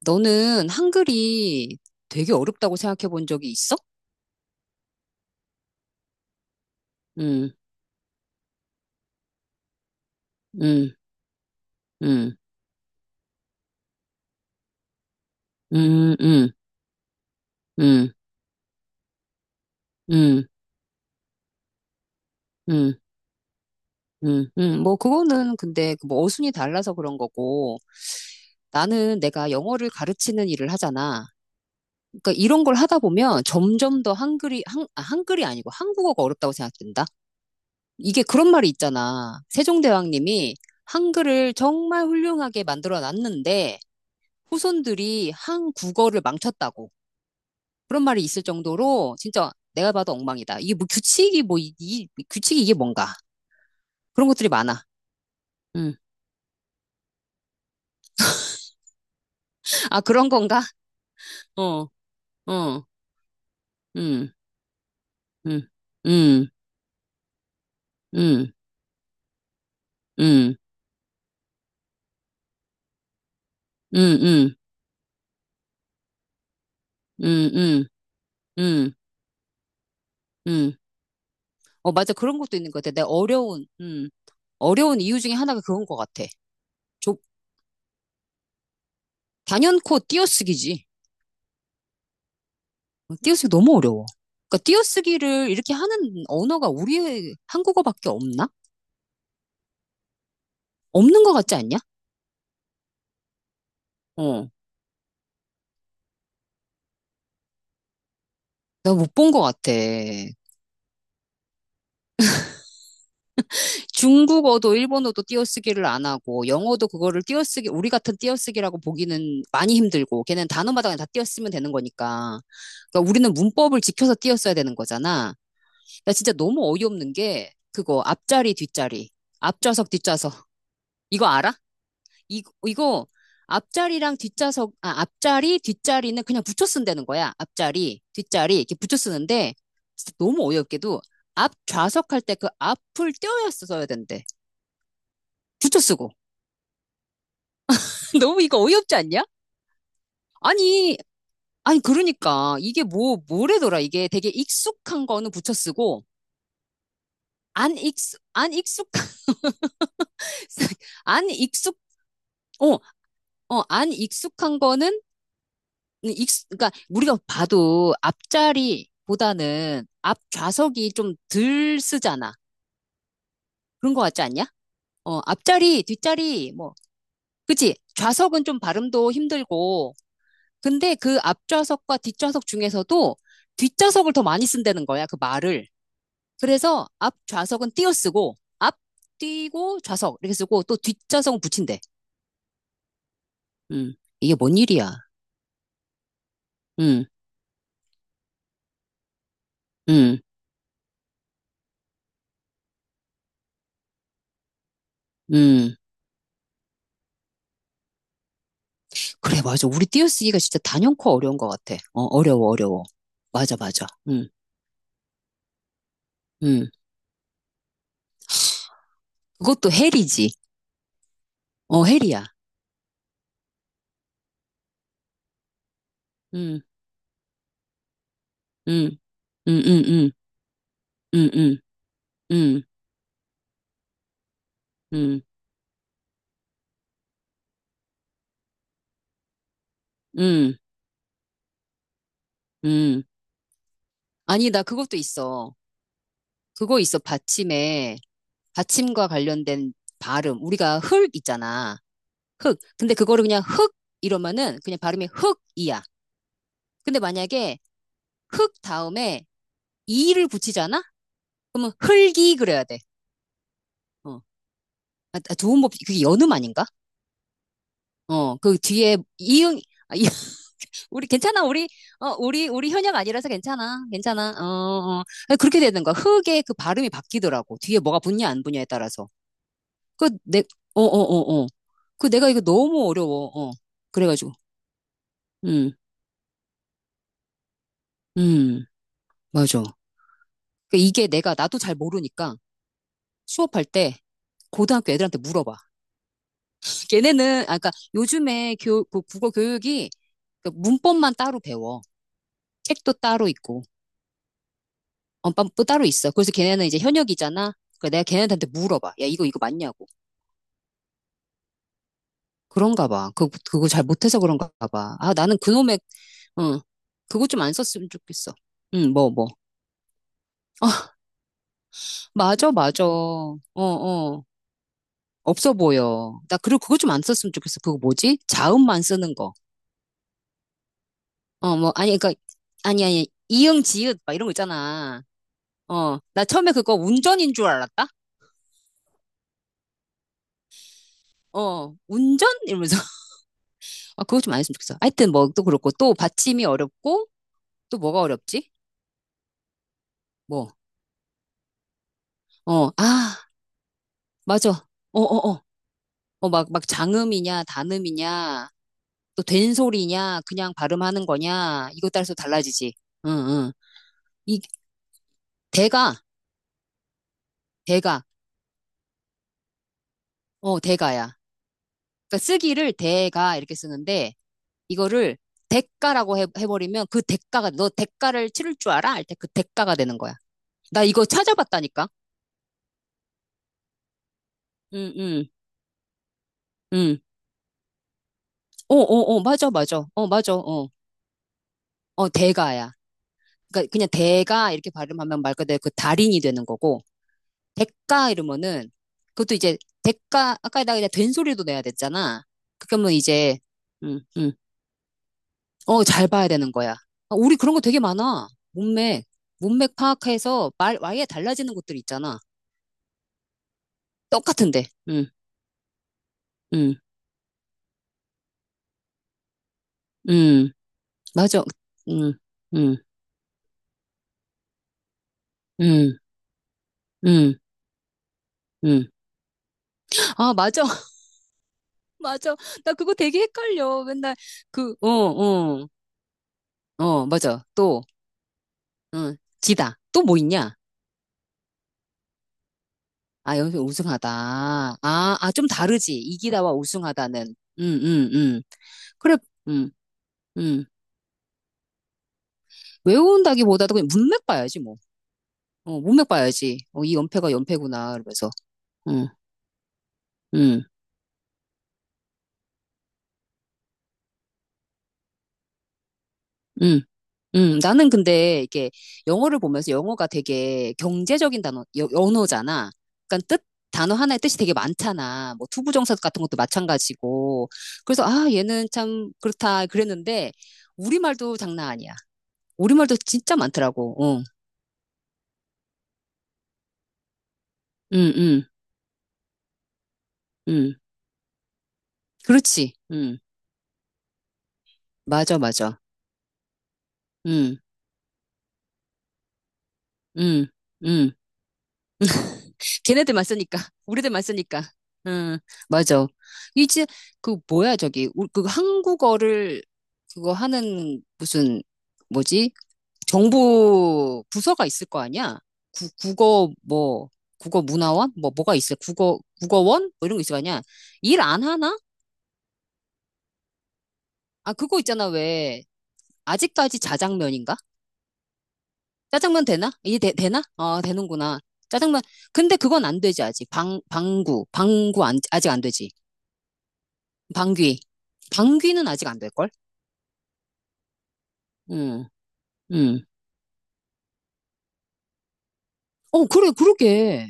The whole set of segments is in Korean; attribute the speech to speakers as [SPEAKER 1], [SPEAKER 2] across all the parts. [SPEAKER 1] 너는 한글이 되게 어렵다고 생각해 본 적이 있어? 응, 응, 응, 응, 응, 응, 응, 응, 응, 응. 뭐, 그거는 근데 그 뭐 어순이 달라서 그런 거고, 나는 내가 영어를 가르치는 일을 하잖아. 그러니까 이런 걸 하다 보면 점점 더 한글이, 한, 아, 한글이 아니고 한국어가 어렵다고 생각된다? 이게 그런 말이 있잖아. 세종대왕님이 한글을 정말 훌륭하게 만들어 놨는데, 후손들이 한국어를 망쳤다고. 그런 말이 있을 정도로 진짜 내가 봐도 엉망이다. 이게 뭐 규칙이 뭐, 이, 이 규칙이 이게 뭔가. 그런 것들이 많아. 음. 아, 그런 건가? 어, 어, 음, 음, 음, 음, 음, 음, 음, 음, 음, 음, 음. 어, 맞아. 그런 것도 있는 것 같아. 어려운 이유 중에 하나가 그건 것 같아. 좀, 단연코 띄어쓰기지. 어, 띄어쓰기 너무 어려워. 그러니까 띄어쓰기를 이렇게 하는 언어가 우리의 한국어밖에 없나? 없는 것 같지 않냐? 어. 나 못 본 것 같아. 중국어도 일본어도 띄어쓰기를 안 하고, 영어도 그거를 띄어쓰기, 우리 같은 띄어쓰기라고 보기는 많이 힘들고, 걔는 단어마다 그냥 다 띄어쓰면 되는 거니까. 그러니까 우리는 문법을 지켜서 띄어써야 되는 거잖아. 나 진짜 너무 어이없는 게, 그거, 앞자리, 뒷자리. 앞좌석, 뒷좌석. 이거 알아? 이, 이거 앞자리랑 앞자리, 뒷자리는 그냥 붙여 쓴다는 거야. 앞자리, 뒷자리 이렇게 붙여 쓰는데 진짜 너무 어이없게도 앞 좌석 할 때 그 앞을 떼어야 써야 된대. 붙여 쓰고. 너무 이거 어이없지 않냐? 아니, 아니 그러니까 이게 뭐 뭐래더라. 이게 되게 익숙한 거는 붙여 쓰고 안 익숙 안 익숙 안 익숙 어, 어, 안 익숙한 거는 그러니까 우리가 봐도 앞자리보다는 앞 좌석이 좀 덜 쓰잖아. 그런 거 같지 않냐? 어, 앞자리, 뒷자리, 뭐, 그치? 좌석은 좀 발음도 힘들고, 근데 그 앞좌석과 뒷좌석 중에서도 뒷좌석을 더 많이 쓴다는 거야, 그 말을. 그래서 앞 좌석은 띄어쓰고, 앞 띄고 좌석 이렇게 쓰고, 또 뒷좌석은 붙인대. 음, 이게 뭔 일이야? 음, 음, 음. 그래, 맞아. 우리 띄어쓰기가 진짜 단연코 어려운 것 같아. 어, 어려워, 어려워. 맞아, 맞아. 응, 응. 그것도 헬이지. 어, 헬이야. 응, 응, 응, 응, 응, 응, 응, 응, 응, 응, 응. 아니, 나 그것도 있어. 그거 있어. 받침에, 받침과 관련된 발음. 우리가 흙 있잖아. 흙. 근데 그거를 그냥 흙 이러면은 그냥 발음이 흙이야. 근데 만약에 흙 다음에 이를 붙이잖아? 그러면 흙이 그래야 돼. 어. 그게 연음 아닌가? 어, 그 뒤에 이응, 아, 이- 우리 괜찮아, 우리, 어, 우리 현역 아니라서 괜찮아, 괜찮아, 어, 어. 아니, 그렇게 되는 거야. 흑의 그 발음이 바뀌더라고. 뒤에 뭐가 붙냐, 안 붙냐에 따라서. 그, 내, 어, 어, 어, 어. 그 내가 이거 너무 어려워, 어. 그래가지고, 음, 음, 맞아. 나도 잘 모르니까 수업할 때 고등학교 애들한테 물어봐. 걔네는, 아까 요즘에 교, 그 국어 교육이 그 문법만 따로 배워. 책도 따로 있고. 언빵도 따로 있어. 그래서 걔네는 이제 현역이잖아. 그러니까 내가 걔네한테 물어봐. 야, 이거 맞냐고. 그런가 봐. 그거 잘 못해서 그런가 봐. 아, 나는 그놈의, 응. 그거 좀 안 썼으면 좋겠어. 응, 뭐. 아, 맞아, 맞아. 어, 어. 없어 보여. 나, 그리고 그거 좀 안 썼으면 좋겠어. 그거 뭐지? 자음만 쓰는 거. 어, 뭐, 아니, 그니까, 아니, 아니. 이응, 지읒, 막 이런 거 있잖아. 어, 나 처음에 그거 운전인 줄 알았다? 어, 운전? 이러면서. 아, 그거 좀 안 했으면 좋겠어. 하여튼 뭐 또 그렇고 또 받침이 어렵고 또 뭐가 어렵지? 뭐, 어, 아, 맞아. 어, 어, 어. 어, 막, 막 장음이냐, 단음이냐, 또 된소리냐, 그냥 발음하는 거냐, 이것 따라서 달라지지. 응, 응. 이, 대가, 대가, 어, 대가야. 그러니까 쓰기를 대가 이렇게 쓰는데, 이거를 해버리면 그 대가가, 너 대가를 치를 줄 알아? 할 때 그 대가가 되는 거야. 나 이거 찾아봤다니까? 응, 응, 응. 어, 어, 어, 맞아, 맞아. 어, 맞아, 어. 어, 대가야. 그러니까 그냥 대가 이렇게 발음하면 말 그대로 그 달인이 되는 거고 대가 이러면은 그것도 이제 대가 아까 나 그냥 된소리도 내야 됐잖아. 그러면 이제 음, 음. 어, 잘 봐야 되는 거야. 아, 우리 그런 거 되게 많아. 문맥, 문맥 파악해서 말 아예 달라지는 것들 있잖아. 똑같은데. 음, 음. 맞아. 음, 음, 음, 음, 음. 아, 맞아. 맞아. 나 그거 되게 헷갈려. 맨날 그, 어, 어, 어, 맞아. 또 응, 지다. 또 뭐 있냐? 아, 여기서 우승하다. 아, 아, 좀 다르지. 이기다와 우승하다는. 응, 응, 응. 그래, 응, 응. 외운다기보다도 그냥 문맥 봐야지, 뭐. 어, 문맥 봐야지. 어, 이 연패가 연패구나, 이러면서. 응, 응, 응. 나는 근데 이게 영어를 보면서 영어가 되게 경제적인 언어잖아. 그러니까 뜻, 단어 하나의 뜻이 되게 많잖아. 뭐 투부정사 같은 것도 마찬가지고. 그래서 아, 얘는 참 그렇다 그랬는데 우리말도 장난 아니야. 우리말도 진짜 많더라고. 어. 음, 음, 음. 그렇지. 음. 맞아, 맞아. 음, 음, 음. 걔네들만 쓰니까 우리들만 쓰니까 응 맞아 이제 그 한국어를 그거 하는 무슨 뭐지 정부 부서가 있을 거 아니야 국어 뭐 국어 문화원 뭐 뭐가 있어 국어 국어원 뭐 이런 거 있을 거 아니야 일 안 하나 아 그거 있잖아 왜 아직까지 자장면인가 짜장면 되나 되나 어 되는구나 짜장면 근데 그건 안 되지 아직 방 방구 방구 안, 아직 안 되지 방귀. 방귀는 아직 안 될걸? 응, 응. 어, 그래, 그러게.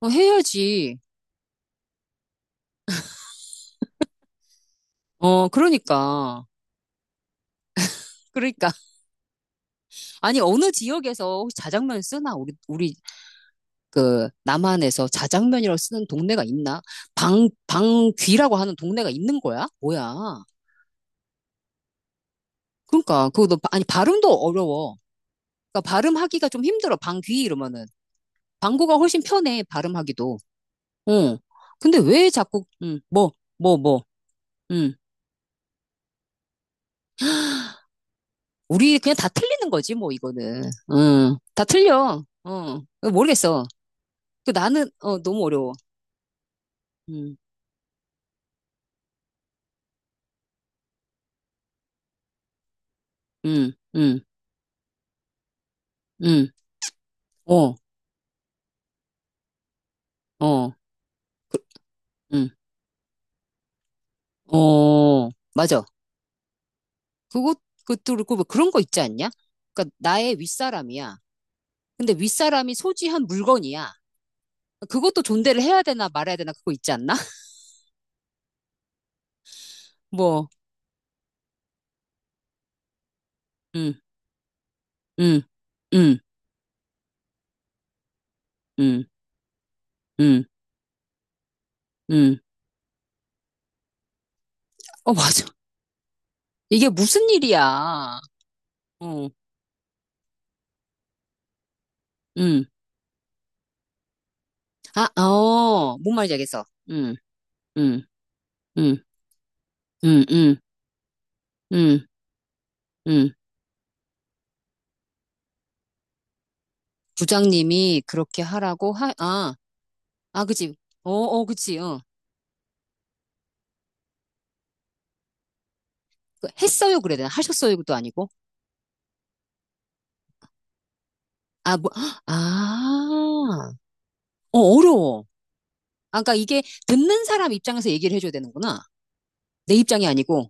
[SPEAKER 1] 어, 해야지. 어, 그러니까. 그러니까. 아니, 어느 지역에서 혹시 자장면 쓰나? 남한에서 자장면이라고 쓰는 동네가 있나? 방귀라고 하는 동네가 있는 거야? 뭐야. 그러니까, 아니, 발음도 어려워. 그러니까 발음하기가 좀 힘들어. 방귀 이러면은. 방구가 훨씬 편해, 발음하기도. 응. 근데 왜 자꾸, 응, 뭐, 뭐, 뭐, 응. 우리 그냥 다 틀리는 거지, 뭐, 이거는. 응, 다 틀려. 어, 모르겠어. 나는, 어, 너무 어려워. 응, 응, 응, 응, 어, 어, 응, 어, 맞아. 그것, 그것도 그렇고, 뭐 그런 거 있지 않냐? 그러니까 나의 윗사람이야. 근데 윗사람이 소지한 물건이야. 그것도 존대를 해야 되나 말아야 되나 그거 있지 않나? 뭐, 응, 응, 응, 응, 응, 응. 어, 맞아. 이게 무슨 일이야. 어, 응. 아, 어, 뭔 말인지 알겠어. 음, 음, 음, 음, 음, 음, 음. 부장님이 그렇게 하라고 하, 아, 아, 그치. 어, 어, 그치. 어. 그 했어요, 그래야 되나? 하셨어요도 아니고. 아, 뭐, 아, 어, 어려워. 아, 그러니까 이게 듣는 사람 입장에서 얘기를 해줘야 되는구나. 내 입장이 아니고.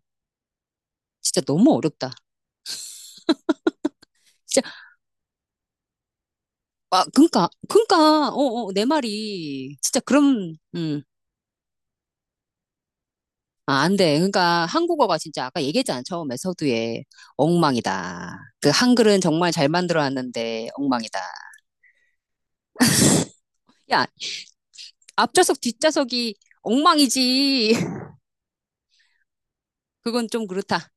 [SPEAKER 1] 진짜 너무 어렵다. 진짜, 아, 그니까, 그니까, 어, 어, 내 말이. 진짜 그럼, 아, 안 돼. 그러니까 한국어가 진짜 아까 얘기했잖아. 처음에 서두에 엉망이다. 그 한글은 정말 잘 만들어놨는데 엉망이다. 야, 앞좌석 뒷좌석이 엉망이지. 그건 좀 그렇다.